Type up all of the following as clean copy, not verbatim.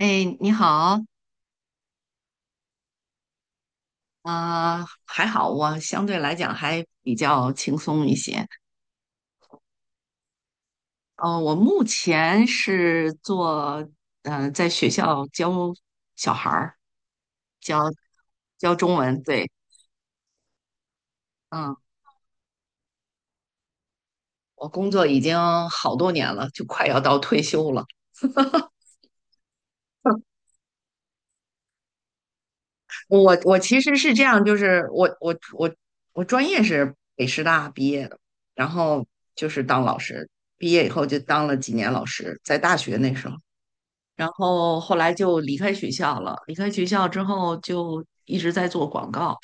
哎，你好，还好，我相对来讲还比较轻松一些。我目前是做，嗯，在学校教小孩儿，教教中文，对，嗯，我工作已经好多年了，就快要到退休了。我其实是这样，就是我专业是北师大毕业的，然后就是当老师，毕业以后就当了几年老师，在大学那时候。然后后来就离开学校了。离开学校之后，就一直在做广告，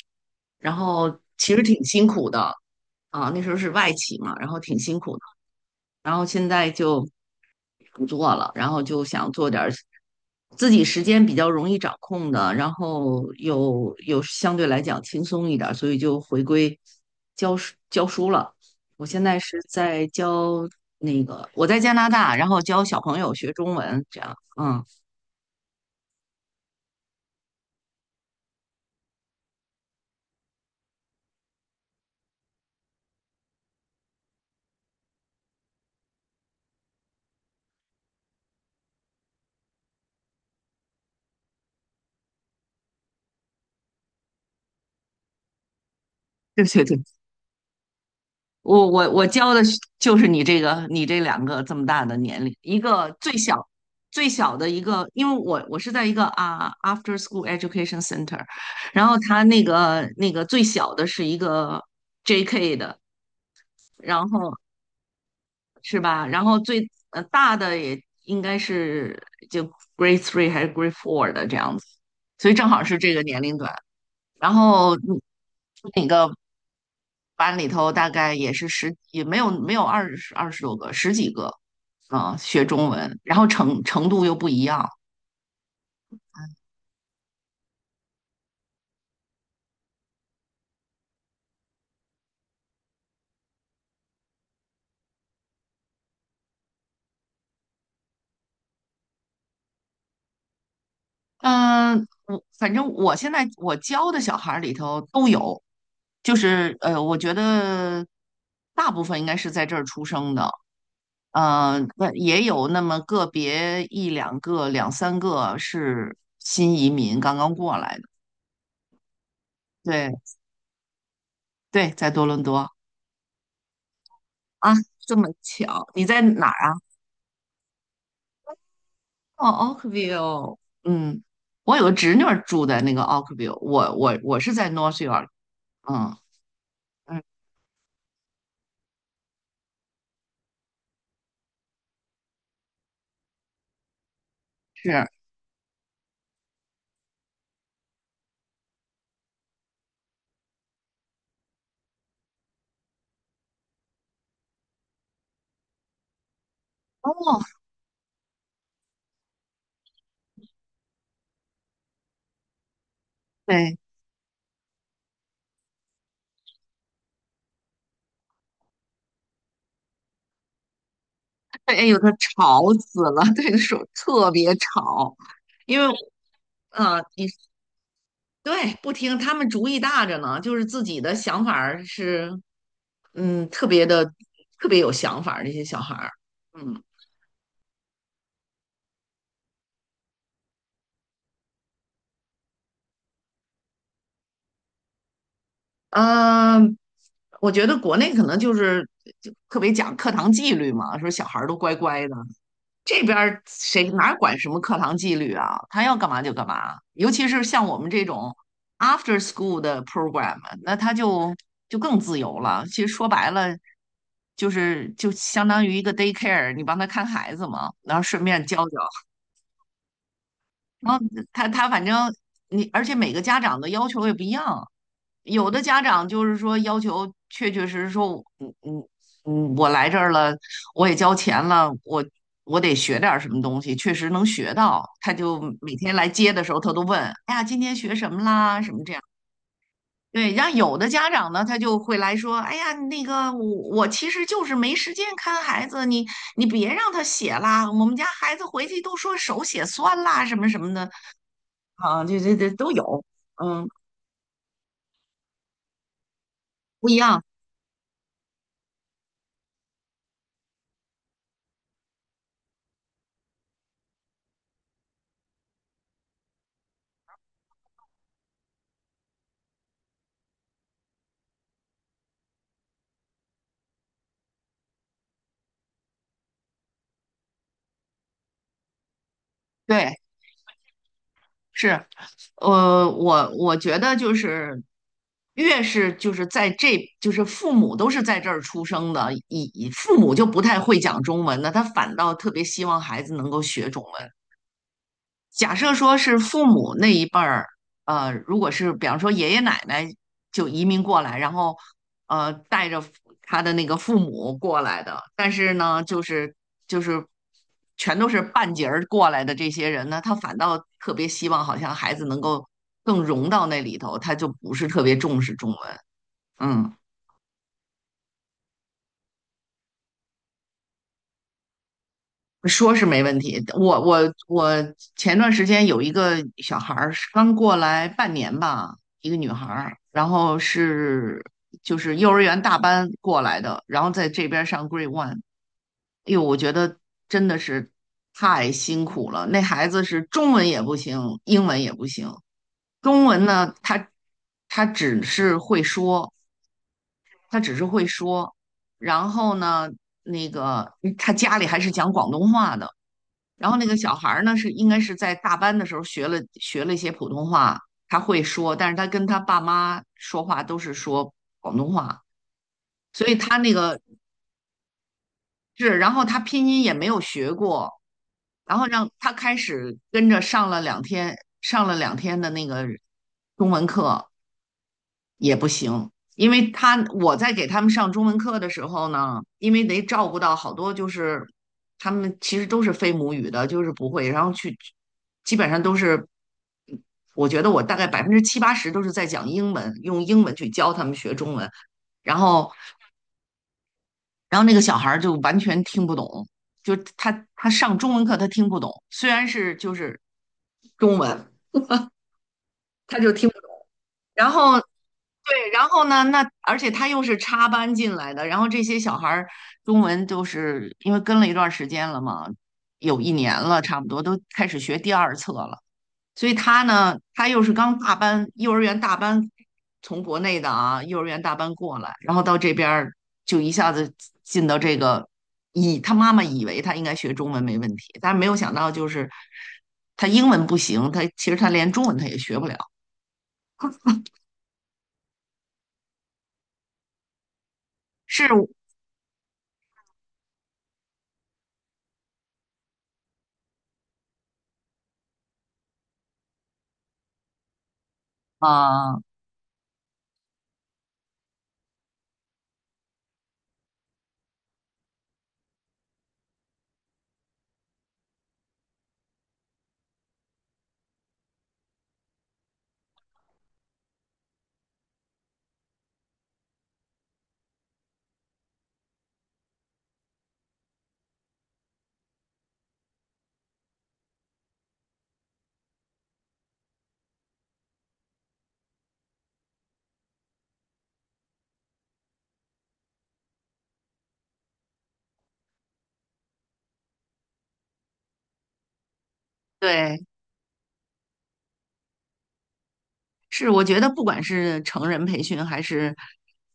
然后其实挺辛苦的啊。那时候是外企嘛，然后挺辛苦的。然后现在就不做了，然后就想做点儿自己时间比较容易掌控的，然后又相对来讲轻松一点儿，所以就回归教书教书了。我现在是在教那个，我在加拿大，然后教小朋友学中文，这样，嗯，对对对。我教的就是你这两个这么大的年龄，一个最小的一个，因为我是在一个啊 after school education center，然后他那个最小的是一个 JK 的，然后是吧？然后最大的也应该是就 grade three 还是 grade four 的这样子，所以正好是这个年龄段。然后那个班里头大概也是十，也没有二十多个，十几个，啊，学中文，然后程度又不一样，嗯，我反正我现在我教的小孩儿里头都有，就是我觉得大部分应该是在这儿出生的，那也有那么个别一两个、两三个是新移民刚刚过来的，对对，在多伦多啊，这么巧，你在哪儿啊？哦，Oakville，嗯，我有个侄女儿住在那个 Oakville，我是在 North York，嗯嗯是，哦，对，对，哎呦，它吵死了，对，说时特别吵，因为你对不听，他们主意大着呢，就是自己的想法儿是嗯特别的特别有想法儿，这些小孩儿，嗯嗯。我觉得国内可能就是就特别讲课堂纪律嘛，说小孩儿都乖乖的，这边儿谁哪管什么课堂纪律啊？他要干嘛就干嘛，尤其是像我们这种 after school 的 program，那他就更自由了。其实说白了，就是就相当于一个 daycare，你帮他看孩子嘛，然后顺便教教。然后他反正你，而且每个家长的要求也不一样，有的家长就是说要求，确确实实说我，嗯嗯嗯，我来这儿了，我也交钱了，我得学点儿什么东西，确实能学到。他就每天来接的时候，他都问，哎呀，今天学什么啦？什么这样？对，然后有的家长呢，他就会来说，哎呀，那个我其实就是没时间看孩子，你别让他写啦，我们家孩子回去都说手写酸啦，什么什么的，啊，这都有，嗯，不一样，对，是。我觉得就是越是就是在这就是父母都是在这儿出生的，以父母就不太会讲中文的，他反倒特别希望孩子能够学中文。假设说是父母那一辈儿，如果是比方说爷爷奶奶就移民过来，然后带着他的那个父母过来的，但是呢，就是全都是半截儿过来的这些人呢，他反倒特别希望好像孩子能够更融到那里头，他就不是特别重视中文。嗯。说是没问题。我前段时间有一个小孩儿是刚过来半年吧，一个女孩儿，然后就是幼儿园大班过来的，然后在这边上 Grade One。哎呦，我觉得真的是太辛苦了。那孩子是中文也不行，英文也不行。中文呢，他只是会说，他只是会说，然后呢，那个他家里还是讲广东话的。然后那个小孩儿呢，是应该是在大班的时候学了一些普通话，他会说，但是他跟他爸妈说话都是说广东话，所以他那个是，然后他拼音也没有学过，然后让他开始跟着上了两天，上了两天的那个中文课，也不行，因为他我在给他们上中文课的时候呢，因为得照顾到好多就是他们其实都是非母语的，就是不会，然后去基本上都是，我觉得我大概百分之七八十都是在讲英文，用英文去教他们学中文，然后然后那个小孩就完全听不懂，就他上中文课他听不懂，虽然是就是中文，他就听。然后对，然后呢，那而且他又是插班进来的，然后这些小孩儿中文就是因为跟了一段时间了嘛，有一年了，差不多都开始学第二册了。所以他呢，他又是刚大班，幼儿园大班从国内的啊，幼儿园大班过来，然后到这边儿就一下子进到这个，以他妈妈以为他应该学中文没问题，但是没有想到就是他英文不行，他其实他连中文他也学不了，是啊。对，是我觉得不管是成人培训还是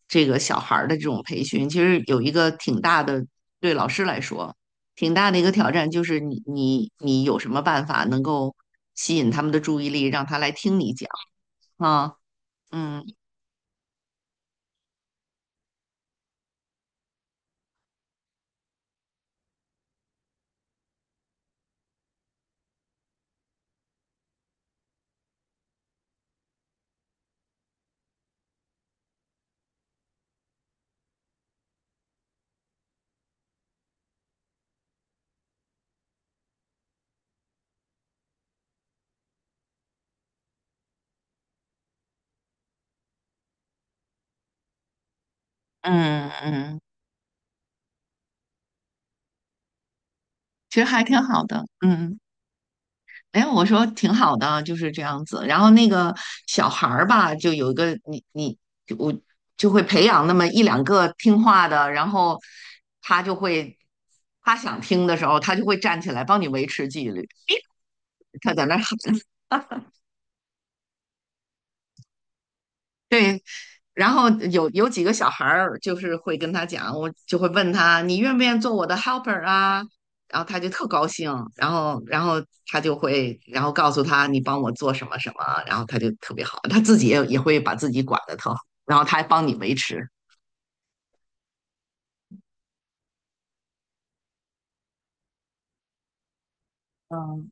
这个小孩儿的这种培训，其实有一个挺大的，对老师来说挺大的一个挑战，就是你有什么办法能够吸引他们的注意力，让他来听你讲啊？嗯嗯嗯，其实还挺好的，嗯。哎，我说挺好的，就是这样子。然后那个小孩儿吧，就有一个我就会培养那么一两个听话的，然后他就会他想听的时候，他就会站起来帮你维持纪律。他在那儿喊，对，然后有几个小孩儿，就是会跟他讲，我就会问他，你愿不愿意做我的 helper 啊？然后他就特高兴，然后他就会，然后告诉他你帮我做什么什么，然后他就特别好，他自己也会把自己管得特好，然后他还帮你维持。嗯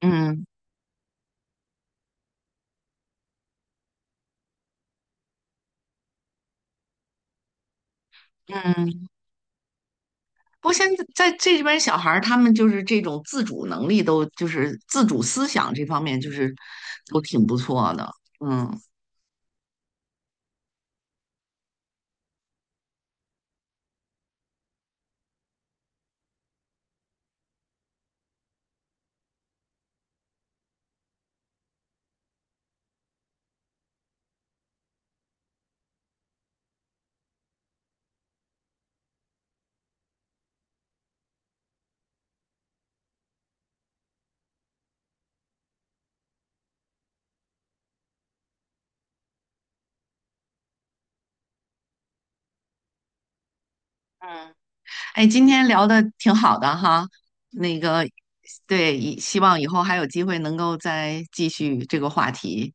嗯嗯，不过现在在这边小孩儿，他们就是这种自主能力都，就是自主思想这方面，就是都挺不错的。嗯。哎，今天聊的挺好的哈，那个，对，以希望以后还有机会能够再继续这个话题。